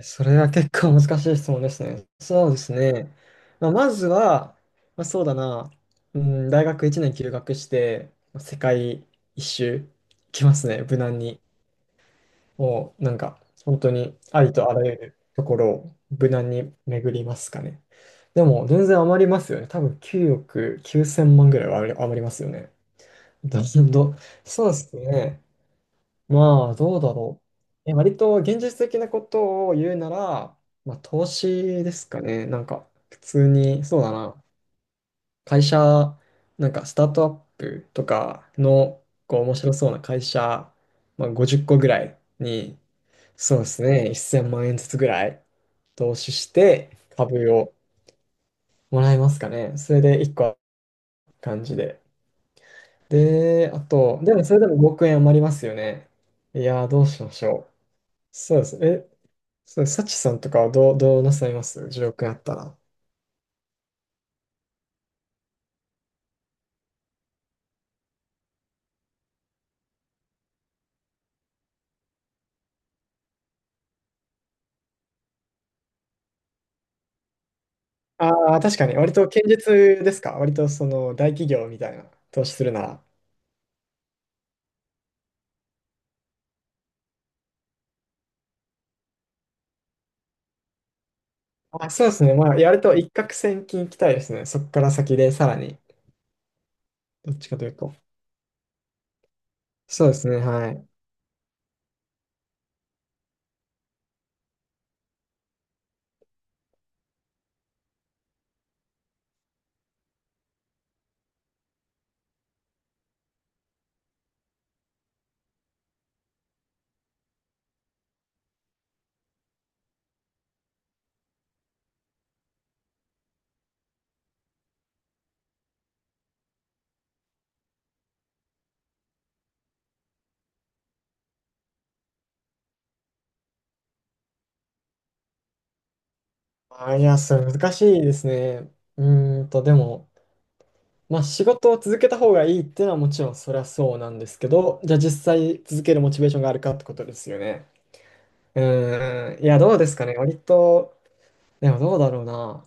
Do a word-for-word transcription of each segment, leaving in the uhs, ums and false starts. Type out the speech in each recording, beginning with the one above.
それは結構難しい質問ですね。そうですね。まあ、まずは、まあ、そうだな、うん、大学いちねん休学して、まあ世界一周行きますね、無難に。もうなんか、本当にありとあらゆるところを無難に巡りますかね。でも、全然余りますよね。多分きゅうおくきゅうせん万ぐらいは余り余りますよね。だけど、どそうですね。まあ、どうだろう。え、割と現実的なことを言うなら、まあ、投資ですかね。なんか、普通に、そうだな。会社、なんか、スタートアップとかの、こう、面白そうな会社、まあ、ごじゅっこぐらいに、そうですね、せんまん円ずつぐらい投資して、株をもらいますかね。それでいっこある感じで。で、あと、でもそれでもごおく円余りますよね。いやー、どうしましょう。そうです。え、そう、サチさんとかはどう、どうなさいますじゅうおく円あったら？ああ、確かに。割と堅実ですか？割とその大企業みたいな投資するなら。あ、そうですね。まあ、やると一攫千金いきたいですね。そこから先でさらに。どっちかというと。そうですね。はい。あ、いや、それ難しいですね。うーんと、でも、まあ、仕事を続けた方がいいっていうのはもちろんそりゃそうなんですけど、じゃあ実際続けるモチベーションがあるかってことですよね。うーん。いや、どうですかね。割と、でもどうだろうな。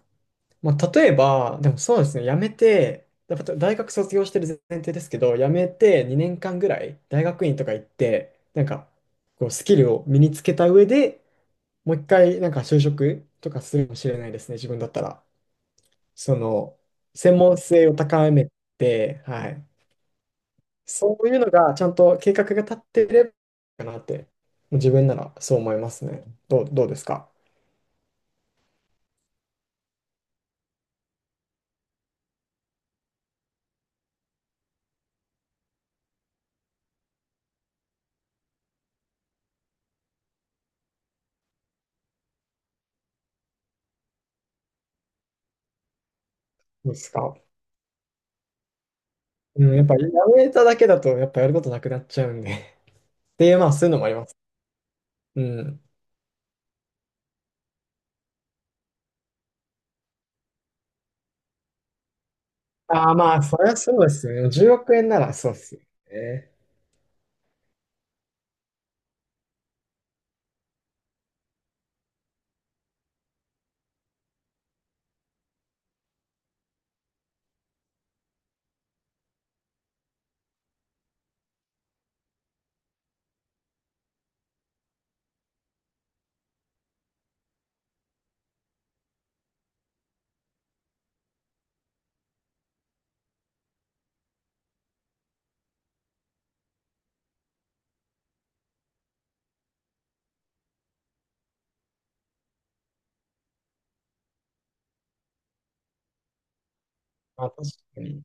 まあ、例えば、でもそうですね、辞めて、やっぱ大学卒業してる前提ですけど、辞めてにねんかんぐらい大学院とか行って、なんかこうスキルを身につけた上でもう一回なんか就職とかするかもしれないですね、自分だったら。その、専門性を高めて、はい。そういうのがちゃんと計画が立ってればいいかなって、自分ならそう思いますね。どう、どうですか？そうですか。うん、やっぱやめただけだと、やっぱやることなくなっちゃうんで。っていう、まあ、そういうのもあります。うん。ああ、まあ、それはそうですよね。じゅうおく円ならそうですよね。まあ、確かに。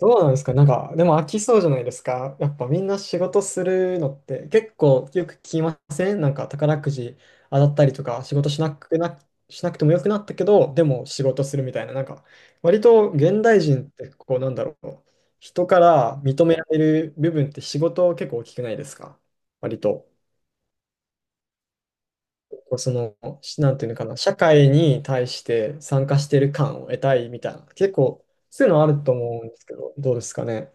どうなんですか？なんか、でも飽きそうじゃないですか？やっぱみんな仕事するのって。結構よく聞きません？なんか宝くじ当たったりとか、仕事しなくな、しなくてもよくなったけど、でも仕事するみたいな。なんか割と現代人ってこうなんだろう、人から認められる部分って仕事結構大きくないですか？割と。こうその、しなんていうのかな、社会に対して参加してる感を得たいみたいな、結構そういうのあると思うんですけど、どうですかね？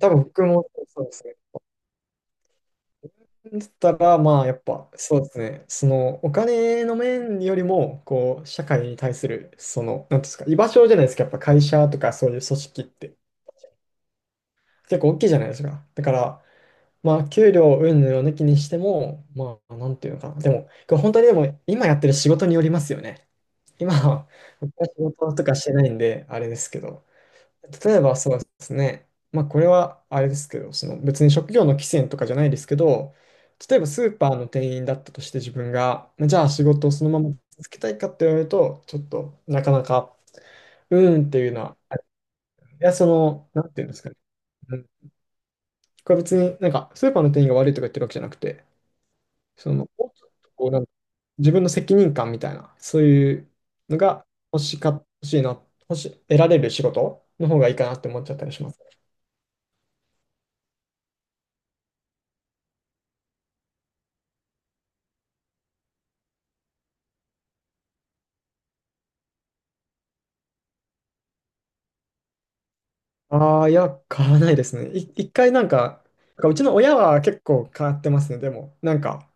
多分僕もそうですね。だったら、まあ、やっぱ、そうですね。その、お金の面よりも、こう、社会に対する、その、なんていうんですか、居場所じゃないですか。やっぱ会社とかそういう組織って、結構大きいじゃないですか。だから、まあ、給料云々を抜きにしても、まあ、なんていうのかな。でも、これ本当にでも、今やってる仕事によりますよね。今は、僕は仕事とかしてないんで、あれですけど。例えばそうですね、まあこれはあれですけど、その別に職業の規制とかじゃないですけど、例えばスーパーの店員だったとして自分が、まあじゃあ仕事をそのまま続けたいかって言われると、ちょっとなかなか、うーんっていうのは、いや、その、なんていうんですかね、うん、これ別になんかスーパーの店員が悪いとか言ってるわけじゃなくて、その、もうちょっとこうなんか自分の責任感みたいな、そういうのが欲しか、欲しいな、欲し、得られる仕事の方がいいかなって思っちゃったりします。ああ、いや、買わないですね。い、一回なんか、なんかうちの親は結構買ってますね。でも、なんか、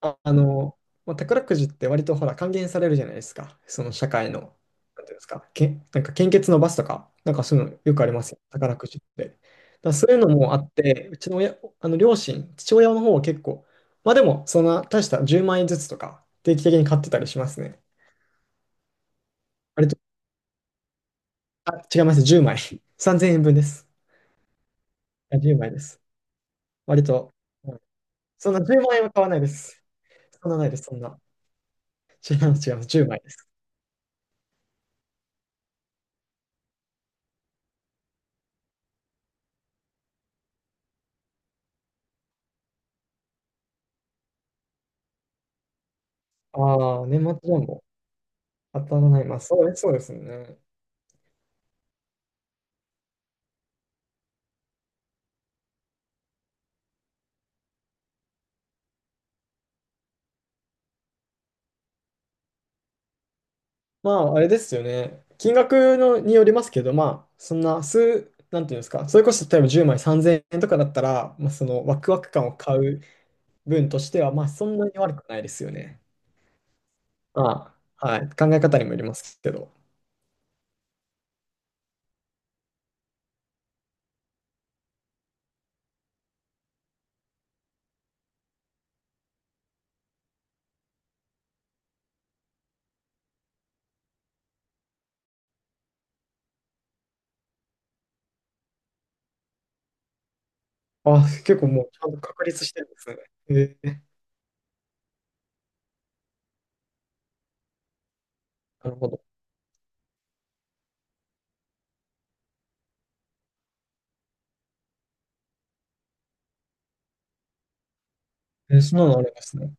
あ、あの、まあ、宝くじって割とほら、還元されるじゃないですか。その社会の、なんていうんですか、け、なんか献血のバスとか、なんかそういうのよくありますよ。宝くじって。だからそういうのもあって、うちの親、あの両親、父親の方は結構、まあでも、そんな大したじゅうまん円ずつとか、定期的に買ってたりしますね。割と、あ、違います。じゅうえんさんぜんえんぶんです。あじゅうです。割と。そんなじゅうまん円は買わないです。そんなないです、そんな。違う違うじゅうまじゅうまいです。ああ、年末ジャンボ。当たらない。まあ、そうです、そうですね。まあ、あれですよね。金額のによりますけど、まあ、そんな数、なんていうんですか、それこそ例えばじゅうまいさんぜんえんとかだったら、まあ、そのワクワク感を買う分としては、まあ、そんなに悪くないですよね。まあ、はい。考え方にもよりますけど。あ、結構もうちゃんと確立してるんですね。ええ、なるほど。えー、そんなのあるんですね。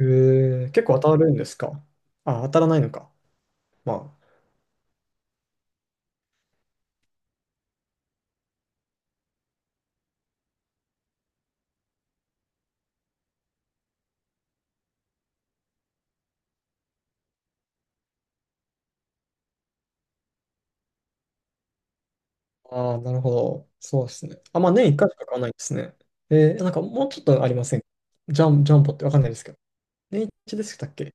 ええ、結構当たるんですか？あ、当たらないのか。まあ。ああ、なるほど。そうですね。あ、まあ年いっかいしか買わないんですね。えー、なんかもうちょっとありませんか？ジャン、ジャンボってわかんないですけど。年いちでしたっけ？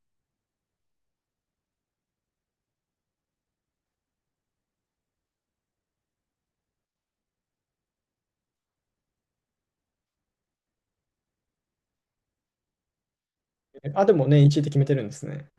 えー。あ、でも年いちで決めてるんですね。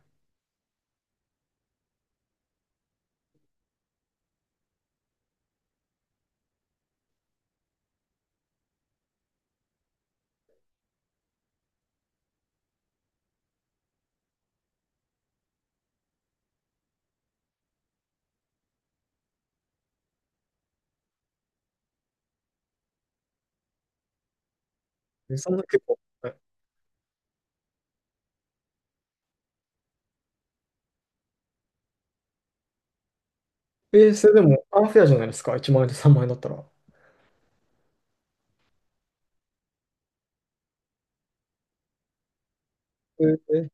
えー、そんな結構。はい。えー、それでも、アンフェアじゃないですか。いちまん円とさんまん円だったら。えー。